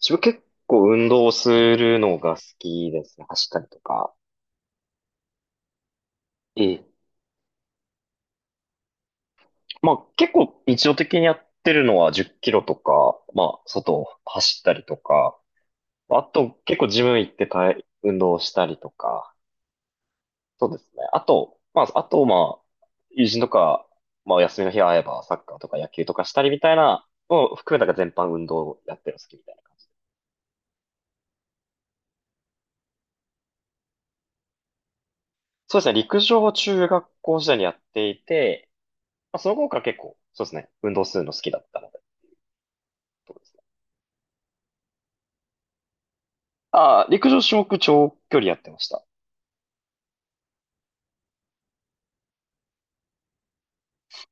自分結構運動するのが好きですね。走ったりとか。ええ、まあ結構日常的にやってるのは10キロとか、まあ外を走ったりとか、あと結構ジム行って体運動したりとか、そうですね。あと、まあ友人とか、まあお休みの日会えばサッカーとか野球とかしたりみたいなのを含めたが全般運動をやってるの好きみたいな感じ。そうですね。陸上を中学校時代にやっていて、まあその頃から結構そうですね。運動するの好きだったのでとかですね。ああ、陸上種目長距離やってました。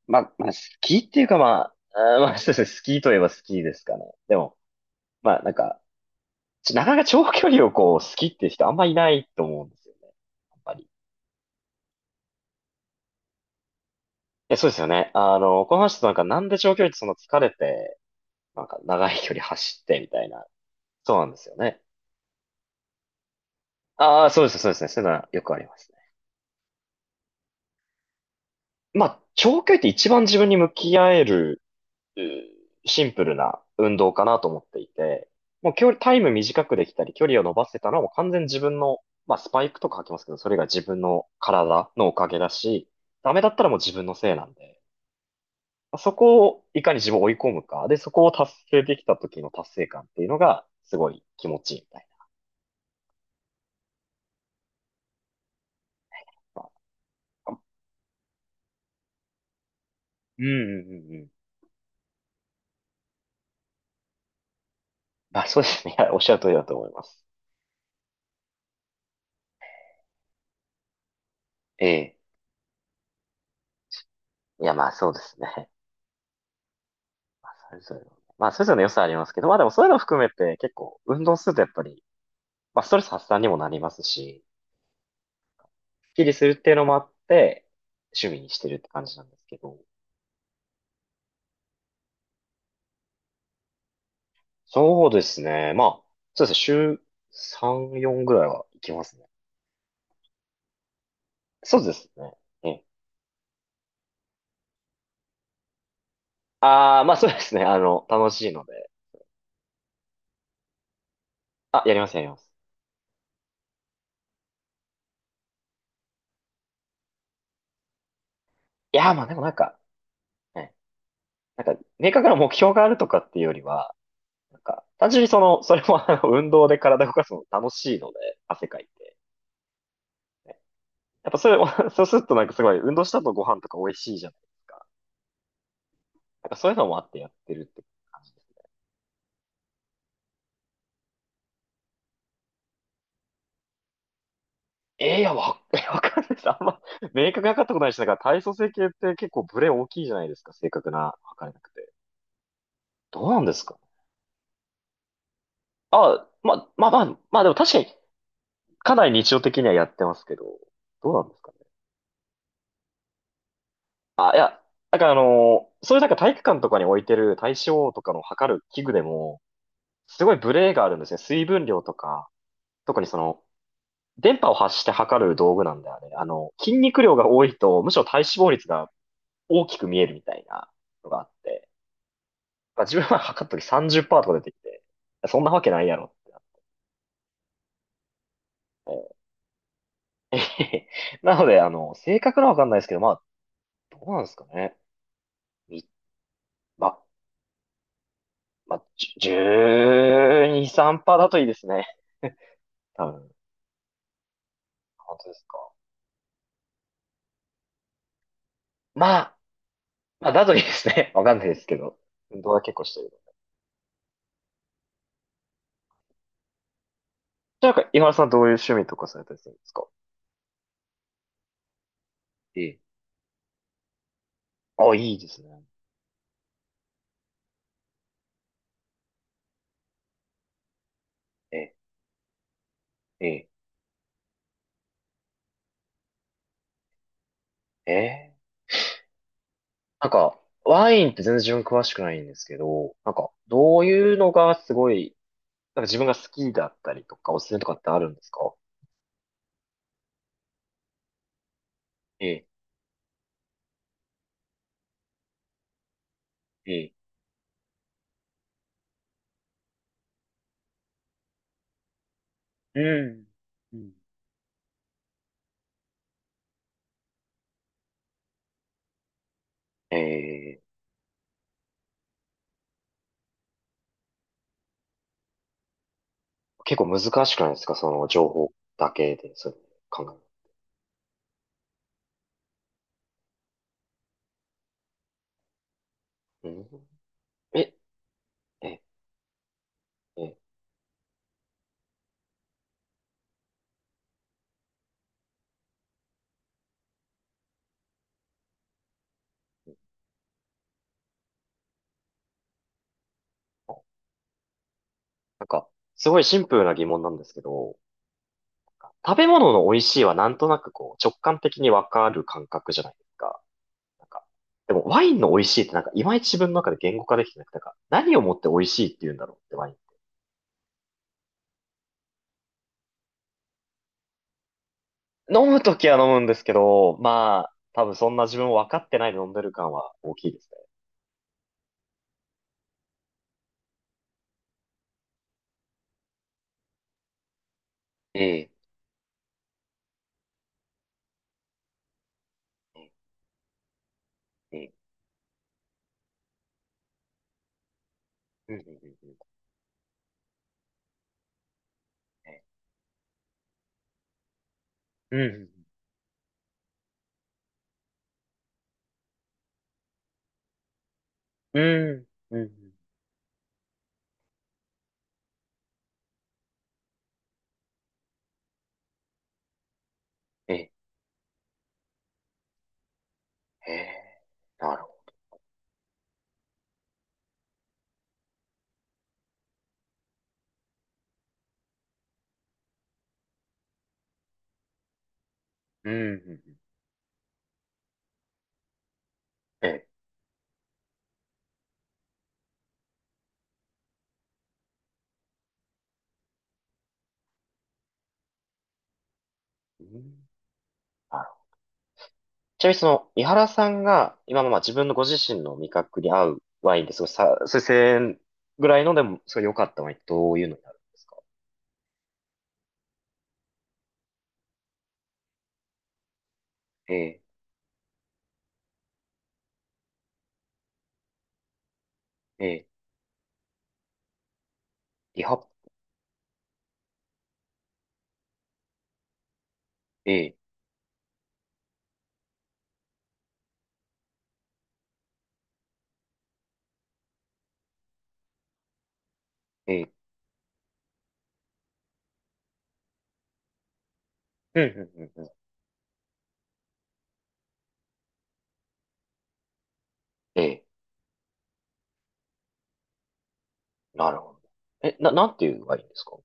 まあ、スキーっていうかまあ、まあ、そうですね、スキーといえばスキーですかね。でも、まあなんか、なかなか長距離をこう、スキーっていう人あんまいないと思うんですよね。あんまり。え、そうですよね。あの、この話となんかなんで長距離ってその疲れて、なんか長い距離走ってみたいな。そうなんですよね。ああ、そうですね。そういうのはよくありますね。まあ、長距離って一番自分に向き合えるシンプルな運動かなと思っていて、もう距離、タイム短くできたり、距離を伸ばせたのはもう完全に自分の、まあスパイクとか履きますけど、それが自分の体のおかげだし、ダメだったらもう自分のせいなんで、そこをいかに自分を追い込むか、で、そこを達成できた時の達成感っていうのが、すごい気持ちいいみたいな。まあ、うんうんうんうん。まあそうですね。いやおっしゃる通りだと思います。ええ。いやまあそうですね。まあそれぞれのね、まあそれぞれの良さありますけど、まあでもそういうのを含めて結構運動するとやっぱりまあ、ストレス発散にもなりますし、スッキリするっていうのもあって、趣味にしてるって感じなんですけど。そうですね。週3、4ぐらいは行きますね。そうですね。ええ。ああ、まあそうですね。あの、楽しいので。あ、やります。いやー、まあでもなんか、ね、なんか、明確な目標があるとかっていうよりは、なんか、単純にその、それもあの、運動で体動かすの楽しいので、汗かいて。ね、やっぱそれ、そうするとなんかすごい、運動した後ご飯とか美味しいじゃないですか。なんかそういうのもあってやってるって感じです。えー、いや、わかんないです。あんま、明確に分かったことないし、なんか体組成計って結構ブレ大きいじゃないですか。正確な測れなくて。どうなんですか。まあでも確かに、かなり日常的にはやってますけど、どうなんですかね。いや、そういうなんか体育館とかに置いてる体脂肪とかの測る器具でも、すごいブレがあるんですね。水分量とか、特にその、電波を発して測る道具なんだよね。あの、筋肉量が多いと、むしろ体脂肪率が大きく見えるみたいなのがあって、まあ、自分は測った時30%とか出てきて、そんなわけないやろってなって。なので、あの、正確なわかんないですけど、まあ、どうなんですかね。みまあ、まあ、12、3%だといいですね。多分。本当ですか。まあ、まあ、だといいですね。わかんないですけど。運動は結構してる。じゃあ、井原さんはどういう趣味とかされたりするんですか。ええ。あ、いいですね。ええ、ええ、ええ。なんか、ワインって全然自分詳しくないんですけど、なんか、どういうのがすごい、なんか自分が好きだったりとか、おすすめとかってあるんですか。ええ、ええうん。うんえ、結構難しくないですかその情報だけで、そういうの考える。うん、え、え、え、なんか、すごいシンプルな疑問なんですけど、食べ物の美味しいはなんとなくこう、直感的にわかる感覚じゃないですか。なんか、でもワインの美味しいってなんか、いまいち自分の中で言語化できてなくて、なんか、何をもって美味しいって言うんだろうってワイン。飲むときは飲むんですけど、まあ、多分そんな自分を分かってないで飲んでる感は大きいですね。ええ、ええ、ねうんうんうんうんうんうんうんうんええ、ええ、なるほど。うんええ、うんなるほど。ちなみにその、井原さんが、今のまあ自分のご自身の味覚に合うワインですごいそう1000円ぐらいのでも、すごい良かったワインってどういうのになるんですか。ええ、ええ、リハ、ええ、ええ、うん、うん、うん、うん。ええ、なるほど。なんていういんですか。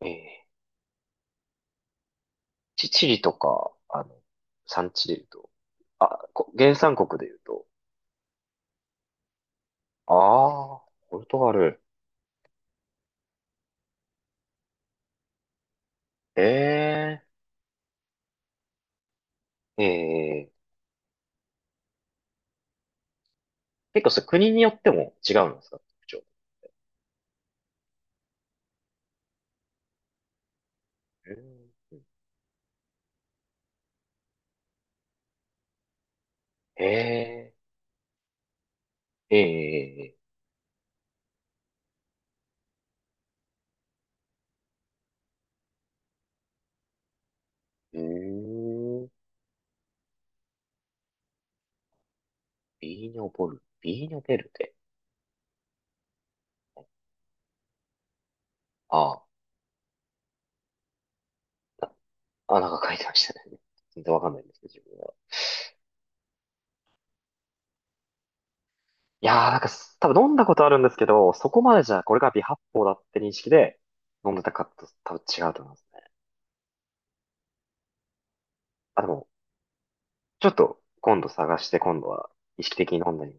ええ、チリとか、あの、産地で言うと、原産国で言うと、ああ、ポルトガル。ええ、ええ、結構それ国によっても違うんですか特徴。うんええ、ええ、うーん、ビーニョベルテ。ああ、あ、なんか書いてましたね。全然わかんないんですけど、自分は。いやー、なんかす、多分飲んだことあるんですけど、そこまでじゃ、これが微発泡だって認識で飲んでたかと、多分違うと思いますね。あ、でも、ちょっと、今度探して、今度は意識的に飲んでみ